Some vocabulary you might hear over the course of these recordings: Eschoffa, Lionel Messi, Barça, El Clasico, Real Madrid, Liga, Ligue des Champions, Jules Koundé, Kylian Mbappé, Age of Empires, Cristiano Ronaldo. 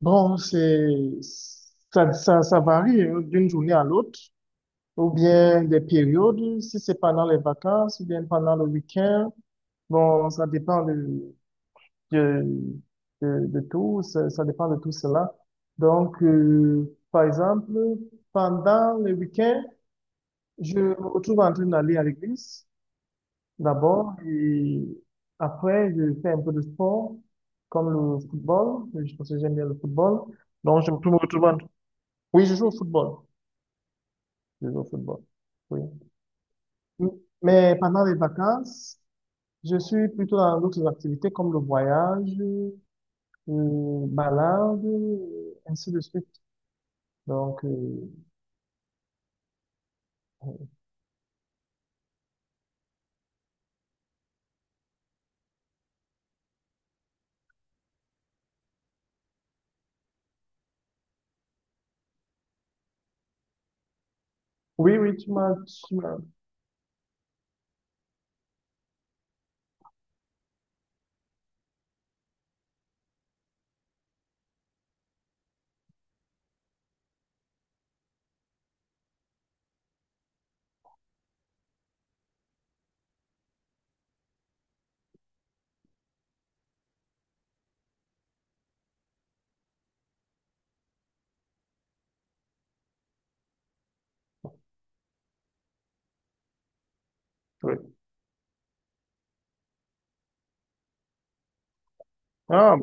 Bon, c'est, ça varie hein, d'une journée à l'autre, ou bien des périodes, si c'est pendant les vacances, ou bien pendant le week-end. Bon, ça dépend de, de tout, ça dépend de tout cela. Donc, par exemple, pendant le week-end, je me retrouve en train d'aller à l'église, d'abord, et après, je fais un peu de sport, comme le football, je pense que j'aime bien le football. Donc, je me retrouve. Oui, je joue au football. Je joue au football. Oui. Mm. Mais pendant les vacances, je suis plutôt dans d'autres activités comme le voyage, balade, ainsi de suite. Donc, oui, oui, tu m'as, oui. Ah,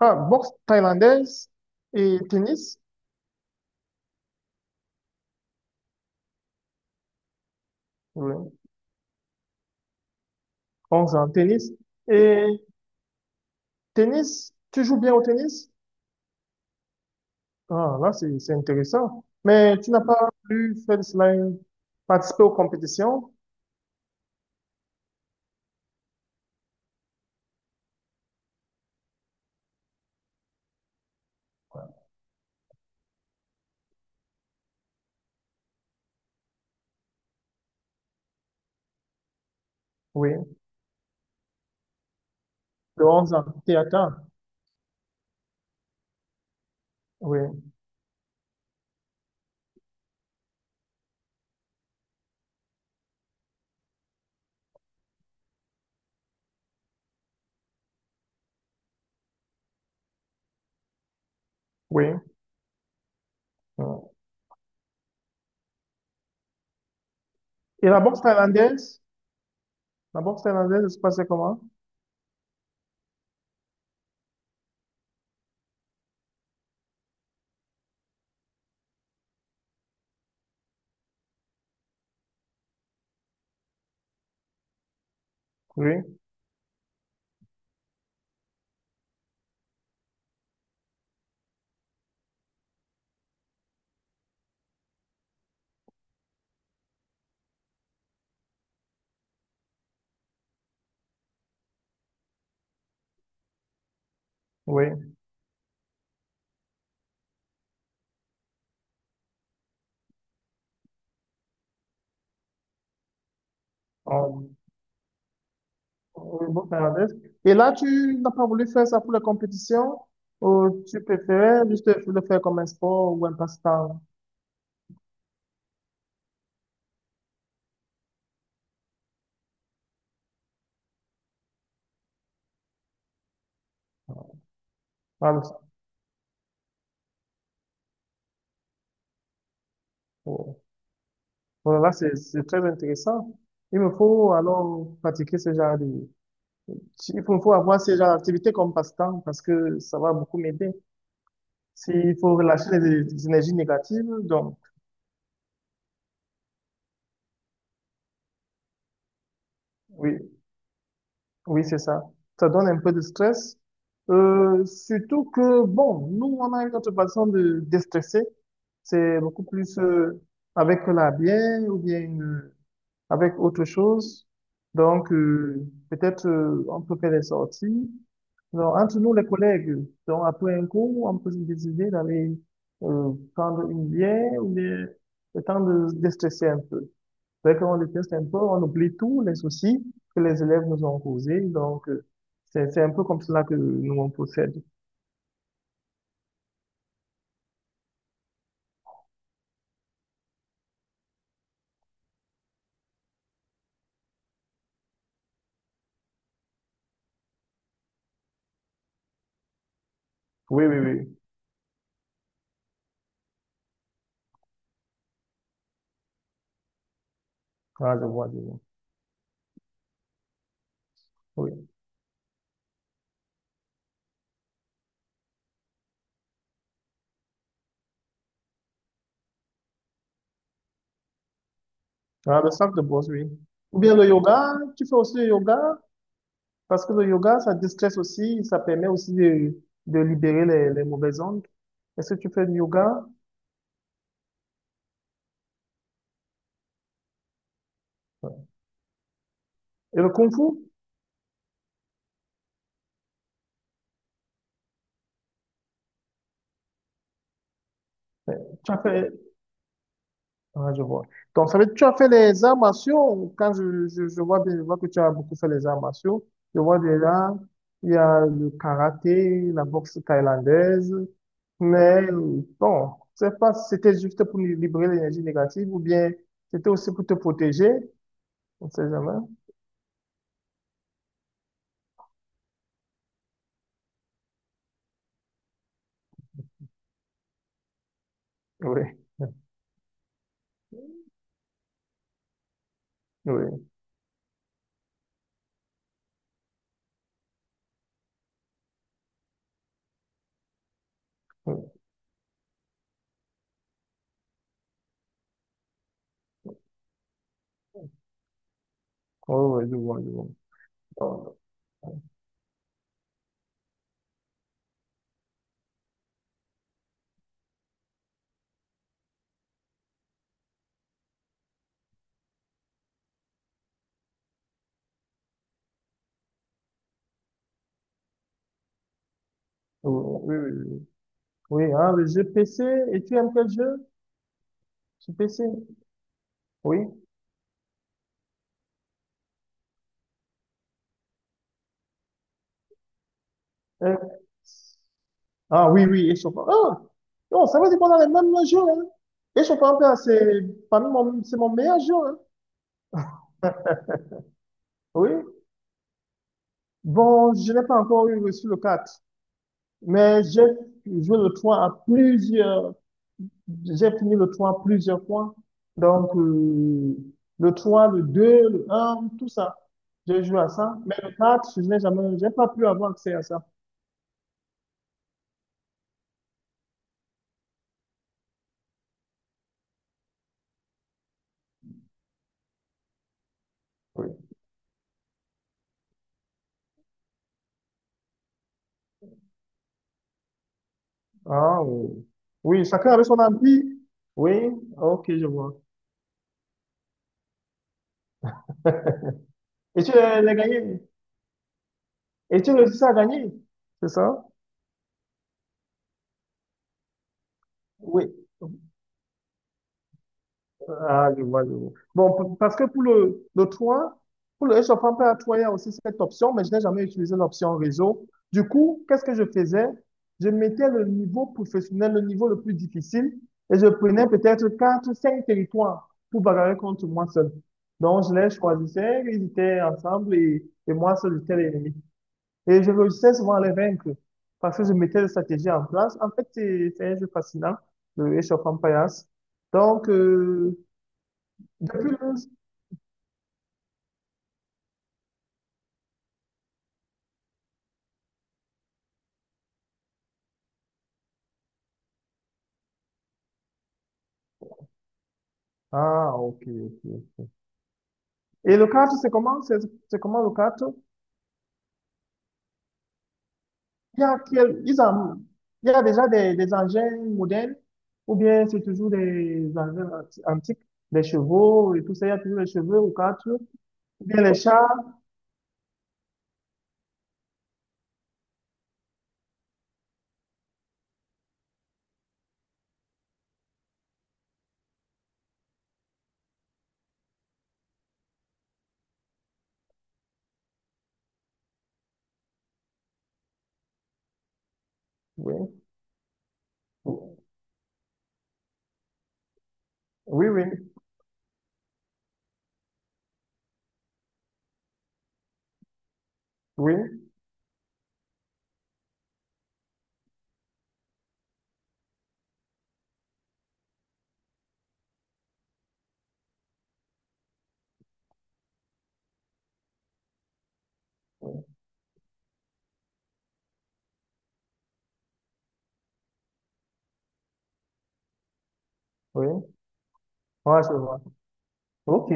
ah, boxe thaïlandaise et tennis. Oui. On joue en tennis. Et tennis, tu joues bien au tennis? Ah, là, c'est intéressant. Mais tu n'as pas pu faire cela, participer aux compétitions? Oui. De 11 ans, Théâtre. Oui, oui. Oui. Et la boxe thaïlandaise? La boxe thaïlandaise, ça se passait comment? Oui, oui. Euh, oui, boxe thaïlandaise. Et là, tu n'as pas voulu faire ça pour la compétition ou tu préférais juste le faire comme un sport ou un passe-temps? Voilà. Oh. Voilà, là, c'est très intéressant. Il me faut alors pratiquer ce genre de… Il faut, faut avoir ce genre d'activité comme passe-temps parce que ça va beaucoup m'aider. S'il faut relâcher les énergies négatives, donc oui. Oui, c'est ça. Ça donne un peu de stress. Surtout que, bon, nous, on a une autre façon de déstresser. C'est beaucoup plus avec la bière ou bien avec autre chose. Donc, peut-être on peut faire des sorties. Alors, entre nous, les collègues, donc après un cours, on peut se décider d'aller prendre une bière ou bien le temps de déstresser un peu. Dès qu'on le teste un peu, on oublie tous les soucis que les élèves nous ont causés. Donc, c'est un peu comme cela que nous, on procède. Oui, oui, oui. Ah, je vois, je vois. Oui. Ah, le sac de bosse, oui. Ou bien le yoga, tu fais aussi le yoga, parce que le yoga, ça déstresse aussi, ça permet aussi de libérer les mauvaises ondes. Est-ce que tu fais du yoga? Et le kung fu? Tu as fait, ah, je vois. Donc, ça veut dire que tu as fait les arts martiaux. Quand je vois bien, je vois que tu as beaucoup fait les arts martiaux. Je vois déjà, il y a le karaté, la boxe thaïlandaise. Mais bon, je sais pas si c'était juste pour libérer l'énergie négative ou bien c'était aussi pour te protéger. On ne sait jamais. Oui. Oui, oui, oui, oui, je vois, je vois. Bon, oui, oui, oui. Oui, hein, le jeu PC, et tu aimes quel jeu? Sur PC? Oui. Euh, ah oui, oui, Eschoffa. Ah, non, ça veut dire qu'on a les mêmes jeux hein. Eschoffa, en fait, c'est mon meilleur jeu hein. Oui. Bon, je n'ai pas encore eu reçu le 4 mais j'ai joué le 3 à plusieurs, j'ai fini le 3 plusieurs fois. Donc, le 3 le 2 le un tout ça. J'ai joué à ça. Mais le 4 je n'ai jamais, j'ai pas pu avoir accès à ça. Oui. Ah, oui. Oui, chacun avait son ampli. Oui, ok, je vois. Et tu l'as l'as gagné? Et tu réussis à gagner, c'est ça? Oui. Ah, je vois, je vois. Bon, parce que pour le 3, pour le réchauffement plat à 3, il y a aussi cette option, mais je n'ai jamais utilisé l'option réseau. Du coup, qu'est-ce que je faisais? Je mettais le niveau professionnel, le niveau le plus difficile, et je prenais peut-être 4, 5 territoires pour bagarrer contre moi seul. Donc, je les choisissais, ils étaient ensemble, et moi seul, j'étais l'ennemi. Et je réussissais souvent à les vaincre parce que je mettais des stratégies en place. En fait, c'est un jeu fascinant, le Age of Empires. Donc, depuis le… Ah, ok, ok. Et le kart, c'est comment? C'est comment le kart? Il y a, il y a déjà des engins modernes ou bien c'est toujours des engins antiques, des chevaux et tout ça. Il y a toujours les chevaux au kart ou bien les chars. Oui, oui, oui, oui, oui. Ouais, je vois. Ok.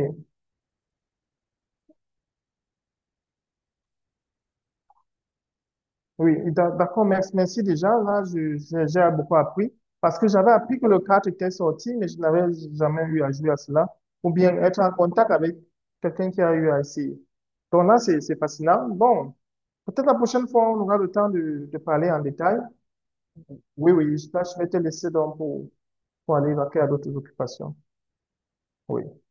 Oui, d'accord, merci, merci déjà. Là, j'ai beaucoup appris parce que j'avais appris que le 4 était sorti, mais je n'avais jamais eu à jouer à cela ou bien être en contact avec quelqu'un qui a eu à essayer. Donc là, c'est fascinant. Bon, peut-être la prochaine fois, on aura le temps de parler en détail. Oui, oui, là, je vais te laisser donc pour aller vaquer à d'autres occupations. Oui.